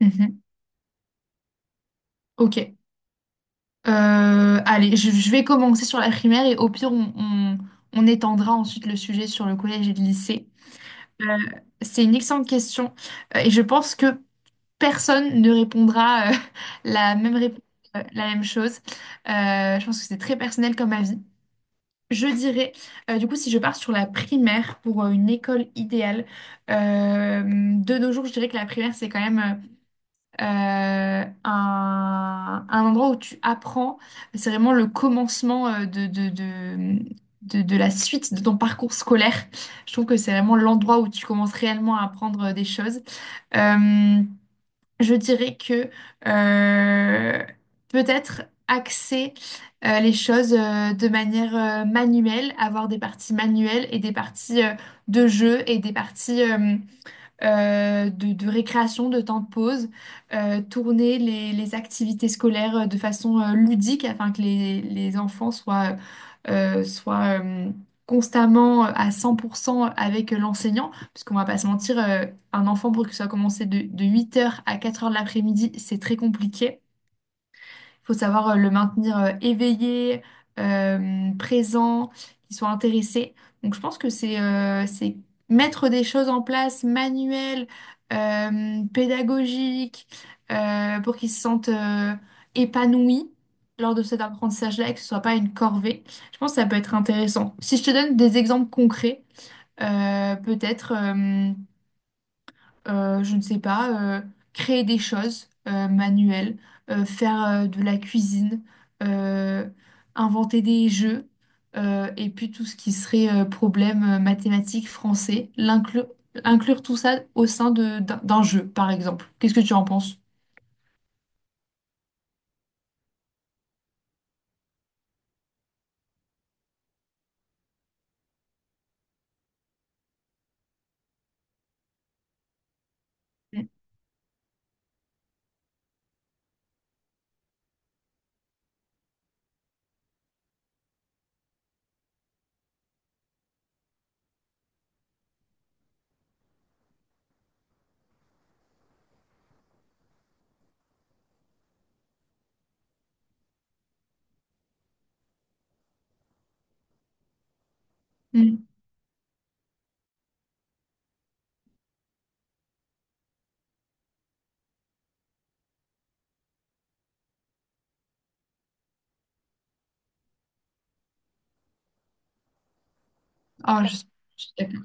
Mhm. Ok. Allez, je vais commencer sur la primaire et au pire, on étendra ensuite le sujet sur le collège et le lycée. Euh, c'est une excellente question et je pense que personne ne répondra la même réponse, la même chose. Je pense que c'est très personnel comme avis. Je dirais, du coup, si je pars sur la primaire pour une école idéale, de nos jours, je dirais que la primaire, c'est quand même... un endroit où tu apprends. C'est vraiment le commencement de la suite de ton parcours scolaire. Je trouve que c'est vraiment l'endroit où tu commences réellement à apprendre des choses. Euh, je dirais que euh, peut-être axer les choses de manière manuelle, avoir des parties manuelles et des parties de jeu et des parties de récréation, de temps de pause, tourner les activités scolaires de façon ludique afin que les enfants soient constamment à 100% avec l'enseignant, parce qu'on va pas se mentir. Un enfant pour que ça soit commencé de huit heures à quatre heures de l'après-midi, c'est très compliqué. Faut savoir le maintenir éveillé, présent, qu'il soit intéressé. Donc je pense que c'est mettre des choses en place manuelles, pédagogiques, pour qu'ils se sentent épanouis lors de cet apprentissage-là et que ce soit pas une corvée. Je pense que ça peut être intéressant. Si je te donne des exemples concrets, peut-être. Je ne sais pas, créer des choses manuelles, faire de la cuisine, euh, inventer des jeux, et puis tout ce qui serait problème mathématique français, l'inclure, inclure tout ça au sein d'un d'un jeu, par exemple. Qu'est-ce que tu en penses? Mm. Mm. Ah, je suis d'accord.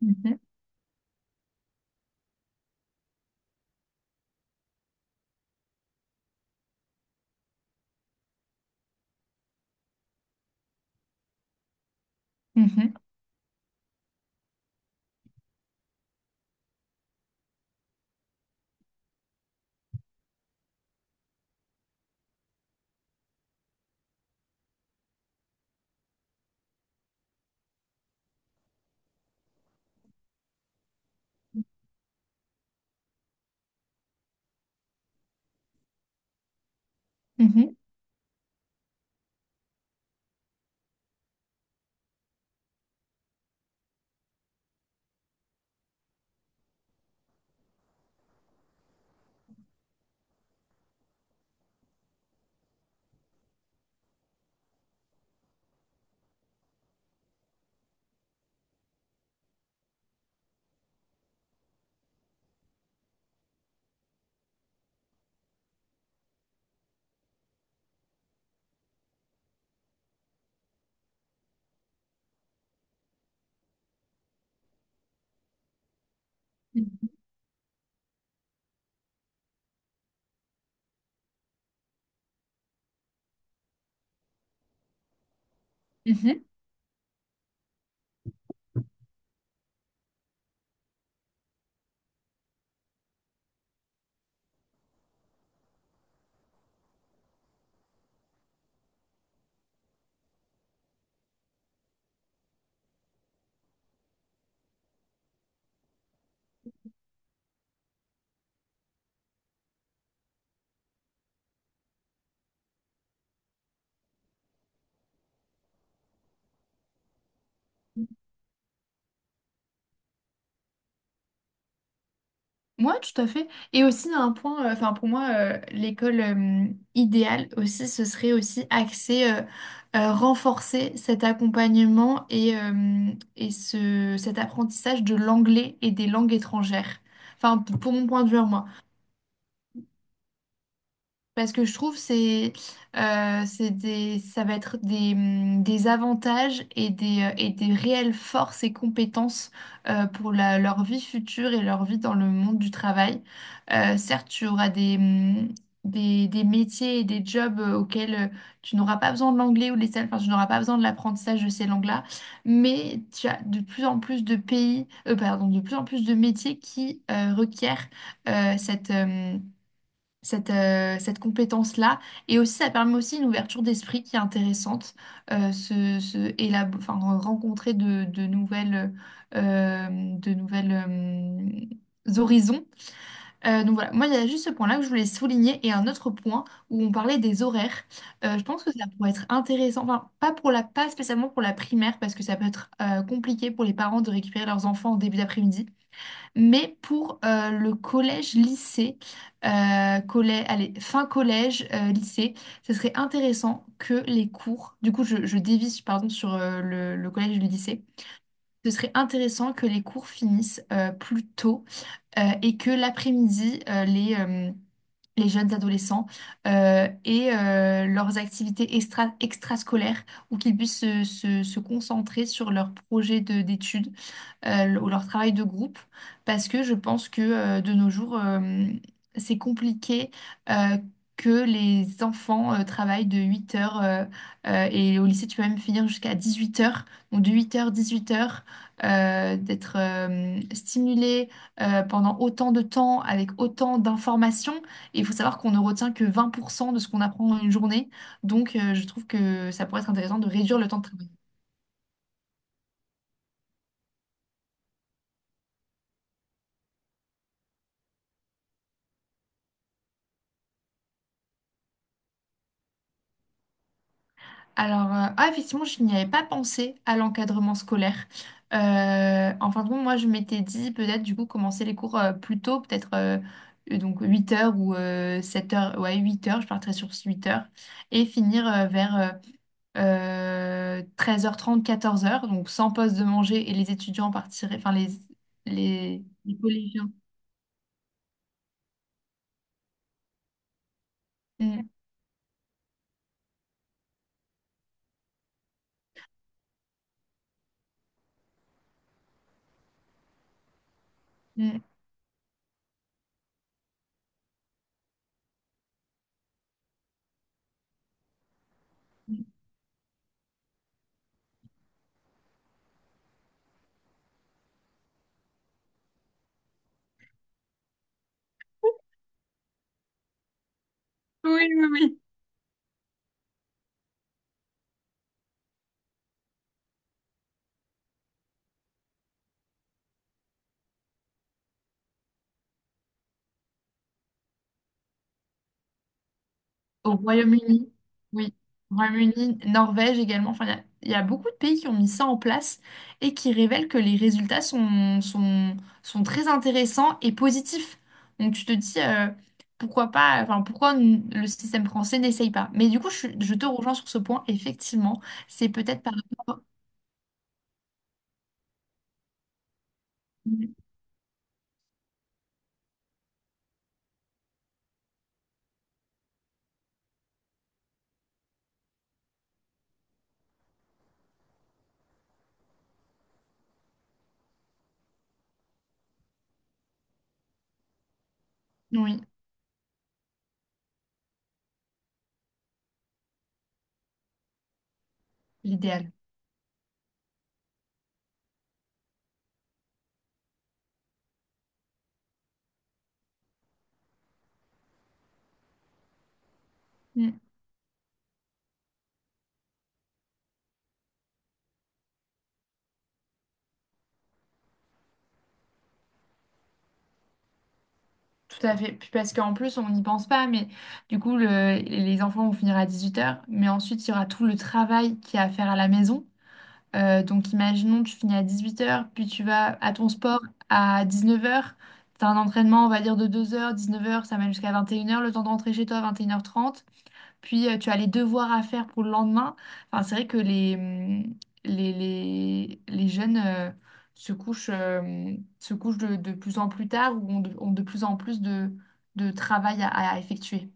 Mhm. Mhm. Mhm. Mhm. Mhm. Moi, tout à fait. Et aussi, il y a un point, enfin pour moi, l'école idéale aussi, ce serait aussi axer, renforcer cet accompagnement et cet apprentissage de l'anglais et des langues étrangères. Enfin, pour mon point de vue, moi. Parce que je trouve c'est des ça va être des avantages et des réelles forces et compétences pour leur vie future et leur vie dans le monde du travail. Certes, tu auras des, des métiers et des jobs auxquels tu n'auras pas besoin de l'anglais ou les salles enfin, tu n'auras pas besoin de l'apprentissage de ces langues-là, mais tu as de plus en plus de pays, pardon, de plus en plus de métiers qui requièrent euh, cette, euh, cette compétence-là. Et aussi, ça permet aussi une ouverture d'esprit qui est intéressante, enfin, rencontrer de nouvelles, euh, de nouvelles horizons. Donc voilà, moi, il y a juste ce point-là que je voulais souligner et un autre point où on parlait des horaires. Je pense que ça pourrait être intéressant, enfin, pas pour la, pas spécialement pour la primaire, parce que ça peut être compliqué pour les parents de récupérer leurs enfants au début d'après-midi. Mais pour le collège-lycée, euh, allez, fin collège, lycée, ce serait intéressant que les cours, du coup je dévisse pardon, sur le collège et le lycée, ce serait intéressant que les cours finissent plus tôt et que l'après-midi, les jeunes adolescents aient leurs activités extrascolaires ou qu'ils puissent se concentrer sur leurs projets d'études, ou leur travail de groupe, parce que je pense que de nos jours, c'est compliqué euh, que les enfants travaillent de 8 heures, et au lycée, tu peux même finir jusqu'à 18 heures, donc de 8 heures, huit heures, d'être stimulé pendant autant de temps, avec autant d'informations. Et il faut savoir qu'on ne retient que 20% de ce qu'on apprend en une journée, donc je trouve que ça pourrait être intéressant de réduire le temps de travail. Alors, ah, effectivement, je n'y avais pas pensé à l'encadrement scolaire. En fin de compte, moi, je m'étais dit peut-être, du coup, commencer les cours plus tôt, peut-être, donc huit heures ou 7 heures, ouais, 8 heures, je partirais sur 8 heures, et finir vers treize heures trente, quatorze heures. Donc sans pause de manger, et les étudiants partiraient, enfin, les collégiens. Mm, mm, mm. Oui, oui. Au Royaume-Uni, oui. Royaume-Uni, Norvège également. Enfin, il y a beaucoup de pays qui ont mis ça en place et qui révèlent que les résultats sont très intéressants et positifs. Donc tu te dis pourquoi pas, enfin pourquoi le système français n'essaye pas. Mais du coup, je te rejoins sur ce point. Effectivement, c'est peut-être par rapport. Oui, l'idéal. Mm. Tout à fait. Puis parce qu'en plus, on n'y pense pas, mais du coup, les enfants vont finir à dix-huit heures, mais ensuite, il y aura tout le travail qu'il y a à faire à la maison. Donc imaginons, tu finis à 18 heures, puis tu vas à ton sport à 19 heures. Tu as un entraînement, on va dire, de 2 h, 19 heures, ça mène jusqu'à 21 heures le temps de rentrer chez toi à 21 h 30. Puis tu as les devoirs à faire pour le lendemain. Enfin, c'est vrai que les jeunes se couchent de plus en plus tard ou ont ont de plus en plus de travail à effectuer.